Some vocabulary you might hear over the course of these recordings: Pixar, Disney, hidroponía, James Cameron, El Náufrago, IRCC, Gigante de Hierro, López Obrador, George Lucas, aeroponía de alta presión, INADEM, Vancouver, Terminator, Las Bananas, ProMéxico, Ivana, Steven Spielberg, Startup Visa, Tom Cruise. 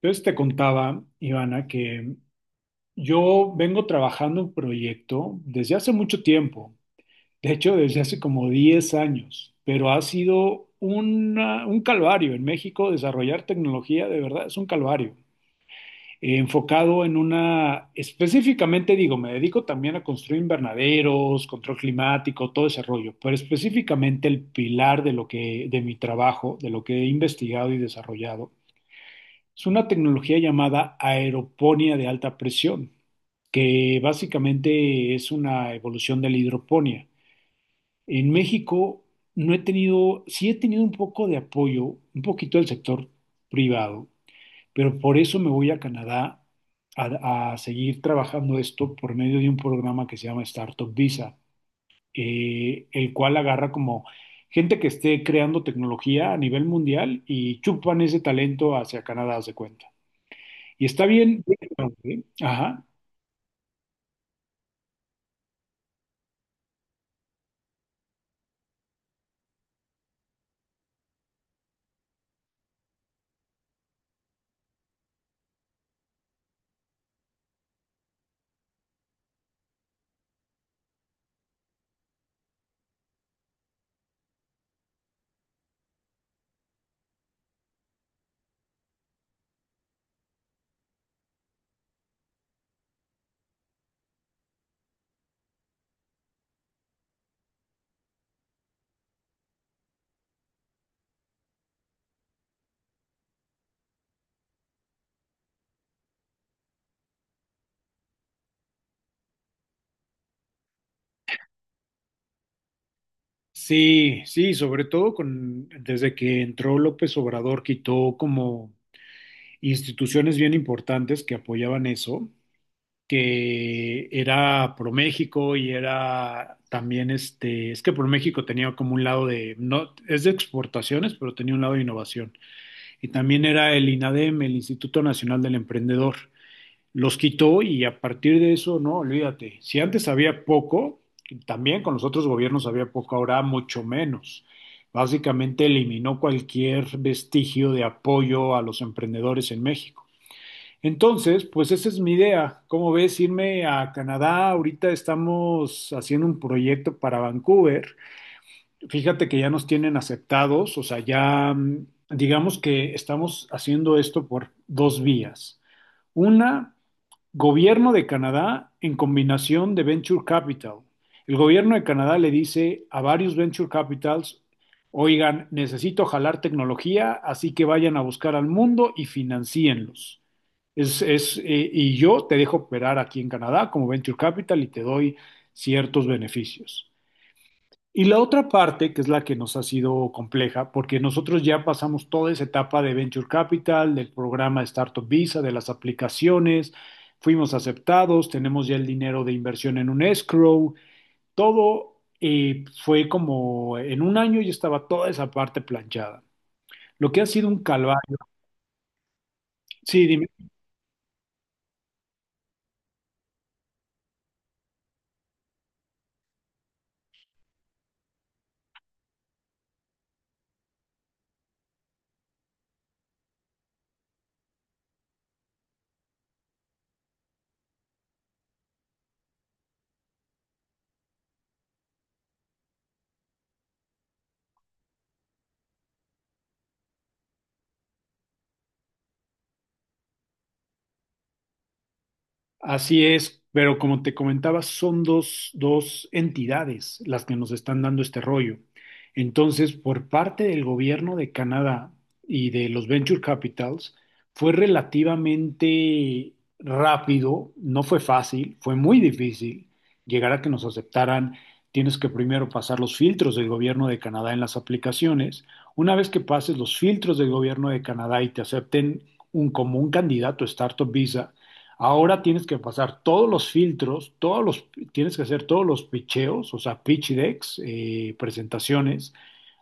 Entonces te contaba, Ivana, que yo vengo trabajando un proyecto desde hace mucho tiempo, de hecho desde hace como 10 años, pero ha sido un calvario en México desarrollar tecnología, de verdad es un calvario. Enfocado en específicamente digo, me dedico también a construir invernaderos, control climático, todo ese rollo, pero específicamente el pilar de mi trabajo, de lo que he investigado y desarrollado es una tecnología llamada aeroponía de alta presión, que básicamente es una evolución de la hidroponía. En México no he tenido, sí he tenido un poco de apoyo, un poquito del sector privado, pero por eso me voy a Canadá a seguir trabajando esto por medio de un programa que se llama Startup Visa, el cual agarra como gente que esté creando tecnología a nivel mundial y chupan ese talento hacia Canadá, haz de cuenta. Y está bien, ¿eh? Ajá. Sí, sí, sobre todo con desde que entró López Obrador, quitó como instituciones bien importantes que apoyaban eso, que era ProMéxico y era también es que ProMéxico tenía como un lado de, no, es de exportaciones, pero tenía un lado de innovación. Y también era el INADEM, el Instituto Nacional del Emprendedor. Los quitó y a partir de eso, no, olvídate, si antes había poco, también con los otros gobiernos había poco, ahora mucho menos. Básicamente eliminó cualquier vestigio de apoyo a los emprendedores en México. Entonces, pues esa es mi idea. ¿Cómo ves irme a Canadá? Ahorita estamos haciendo un proyecto para Vancouver. Fíjate que ya nos tienen aceptados, o sea, ya digamos que estamos haciendo esto por dos vías. Una, Gobierno de Canadá en combinación de Venture Capital. El gobierno de Canadá le dice a varios Venture Capitals, oigan, necesito jalar tecnología, así que vayan a buscar al mundo y financienlos. Y yo te dejo operar aquí en Canadá como Venture Capital y te doy ciertos beneficios. Y la otra parte, que es la que nos ha sido compleja, porque nosotros ya pasamos toda esa etapa de Venture Capital, del programa Startup Visa, de las aplicaciones, fuimos aceptados, tenemos ya el dinero de inversión en un escrow, todo fue como en un año ya estaba toda esa parte planchada. Lo que ha sido un calvario. Sí, dime. Así es, pero como te comentaba, son dos entidades las que nos están dando este rollo. Entonces, por parte del gobierno de Canadá y de los Venture Capitals, fue relativamente rápido, no fue fácil, fue muy difícil llegar a que nos aceptaran. Tienes que primero pasar los filtros del gobierno de Canadá en las aplicaciones. Una vez que pases los filtros del gobierno de Canadá y te acepten como un candidato Startup Visa, ahora tienes que pasar todos los filtros, tienes que hacer todos los pitcheos, o sea, pitch decks, presentaciones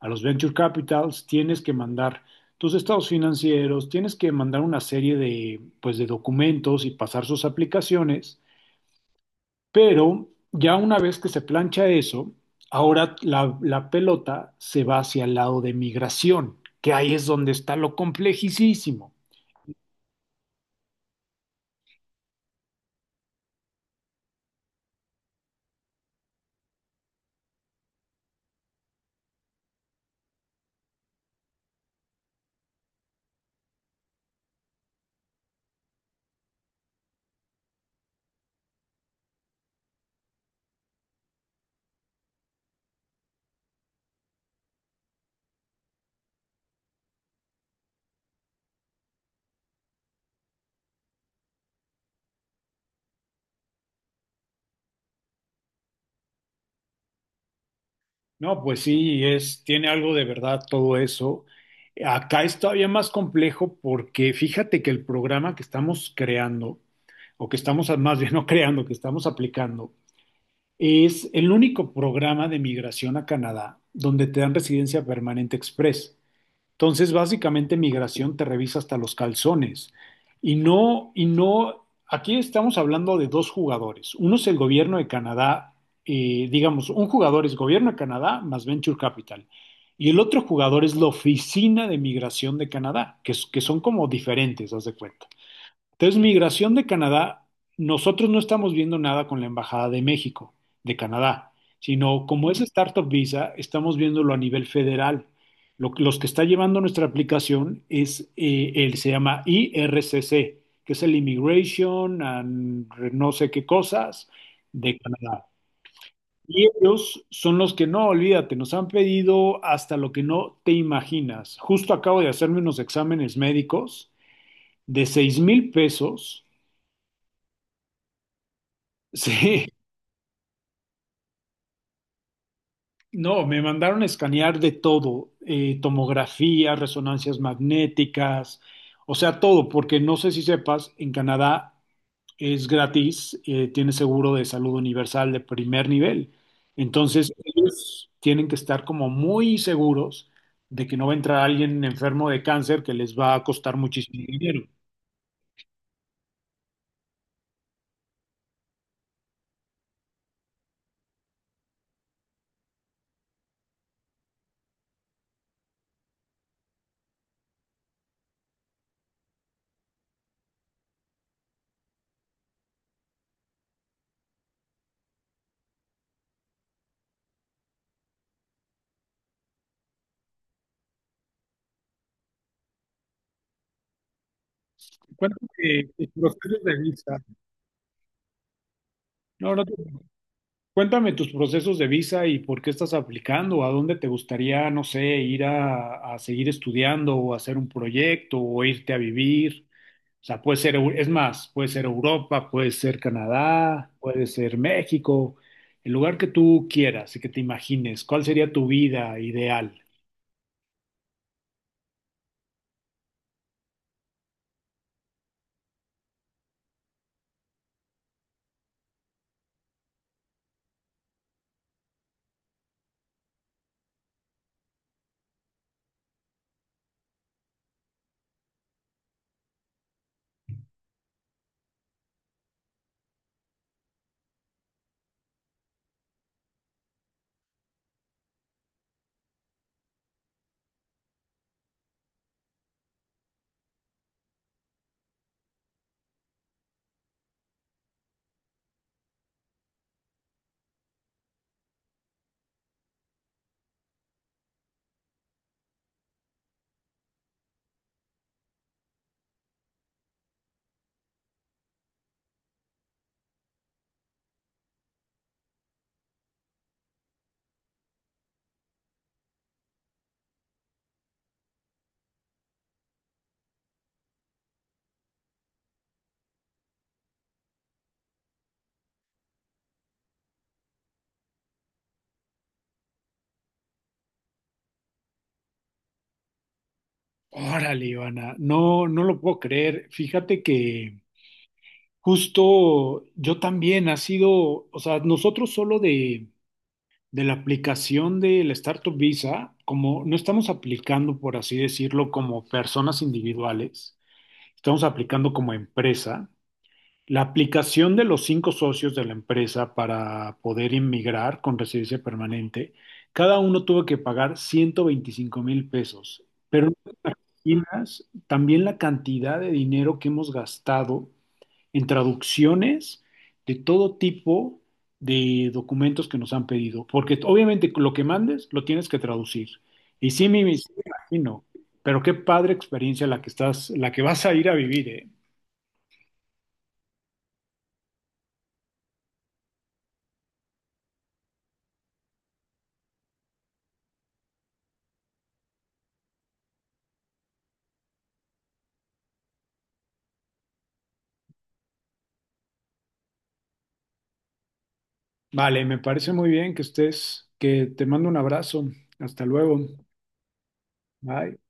a los venture capitals, tienes que mandar tus estados financieros, tienes que mandar una serie de, pues, de documentos y pasar sus aplicaciones, pero ya una vez que se plancha eso, ahora la pelota se va hacia el lado de migración, que ahí es donde está lo complejísimo. No, pues sí, es, tiene algo de verdad todo eso. Acá es todavía más complejo porque fíjate que el programa que estamos creando, o que estamos más bien no creando, que estamos aplicando, es el único programa de migración a Canadá donde te dan residencia permanente express. Entonces, básicamente migración te revisa hasta los calzones. Y no, aquí estamos hablando de dos jugadores. Uno es el gobierno de Canadá, digamos, un jugador es gobierno de Canadá más Venture Capital. Y el otro jugador es la oficina de migración de Canadá, que son como diferentes, haz de cuenta. Entonces, migración de Canadá, nosotros no estamos viendo nada con la Embajada de México, de Canadá, sino como es Startup Visa, estamos viéndolo a nivel federal. Los que está llevando nuestra aplicación es, se llama IRCC, que es el Immigration and no sé qué cosas de Canadá. Y ellos son los que no, olvídate, nos han pedido hasta lo que no te imaginas. Justo acabo de hacerme unos exámenes médicos de 6.000 pesos. Sí, no, me mandaron a escanear de todo, tomografía, resonancias magnéticas, o sea, todo, porque no sé si sepas, en Canadá es gratis, tiene seguro de salud universal de primer nivel. Entonces, ellos tienen que estar como muy seguros de que no va a entrar alguien enfermo de cáncer que les va a costar muchísimo dinero. Cuéntame tus procesos de visa. No, no te. Cuéntame tus procesos de visa y por qué estás aplicando, a dónde te gustaría, no sé, ir a seguir estudiando o hacer un proyecto o irte a vivir. O sea, puede ser, es más, puede ser Europa, puede ser Canadá, puede ser México, el lugar que tú quieras y que te imagines, ¿cuál sería tu vida ideal? Órale, Ivana, no, no lo puedo creer. Fíjate que justo yo también ha sido, o sea, nosotros solo de la aplicación del Startup Visa, como no estamos aplicando, por así decirlo, como personas individuales, estamos aplicando como empresa. La aplicación de los cinco socios de la empresa para poder inmigrar con residencia permanente, cada uno tuvo que pagar 125 mil pesos. Pero no te imaginas también la cantidad de dinero que hemos gastado en traducciones de todo tipo de documentos que nos han pedido, porque obviamente lo que mandes lo tienes que traducir. Y sí me imagino, pero qué padre experiencia la que estás, la que vas a ir a vivir, ¿eh? Vale, me parece muy bien que estés, que te mando un abrazo. Hasta luego. Bye.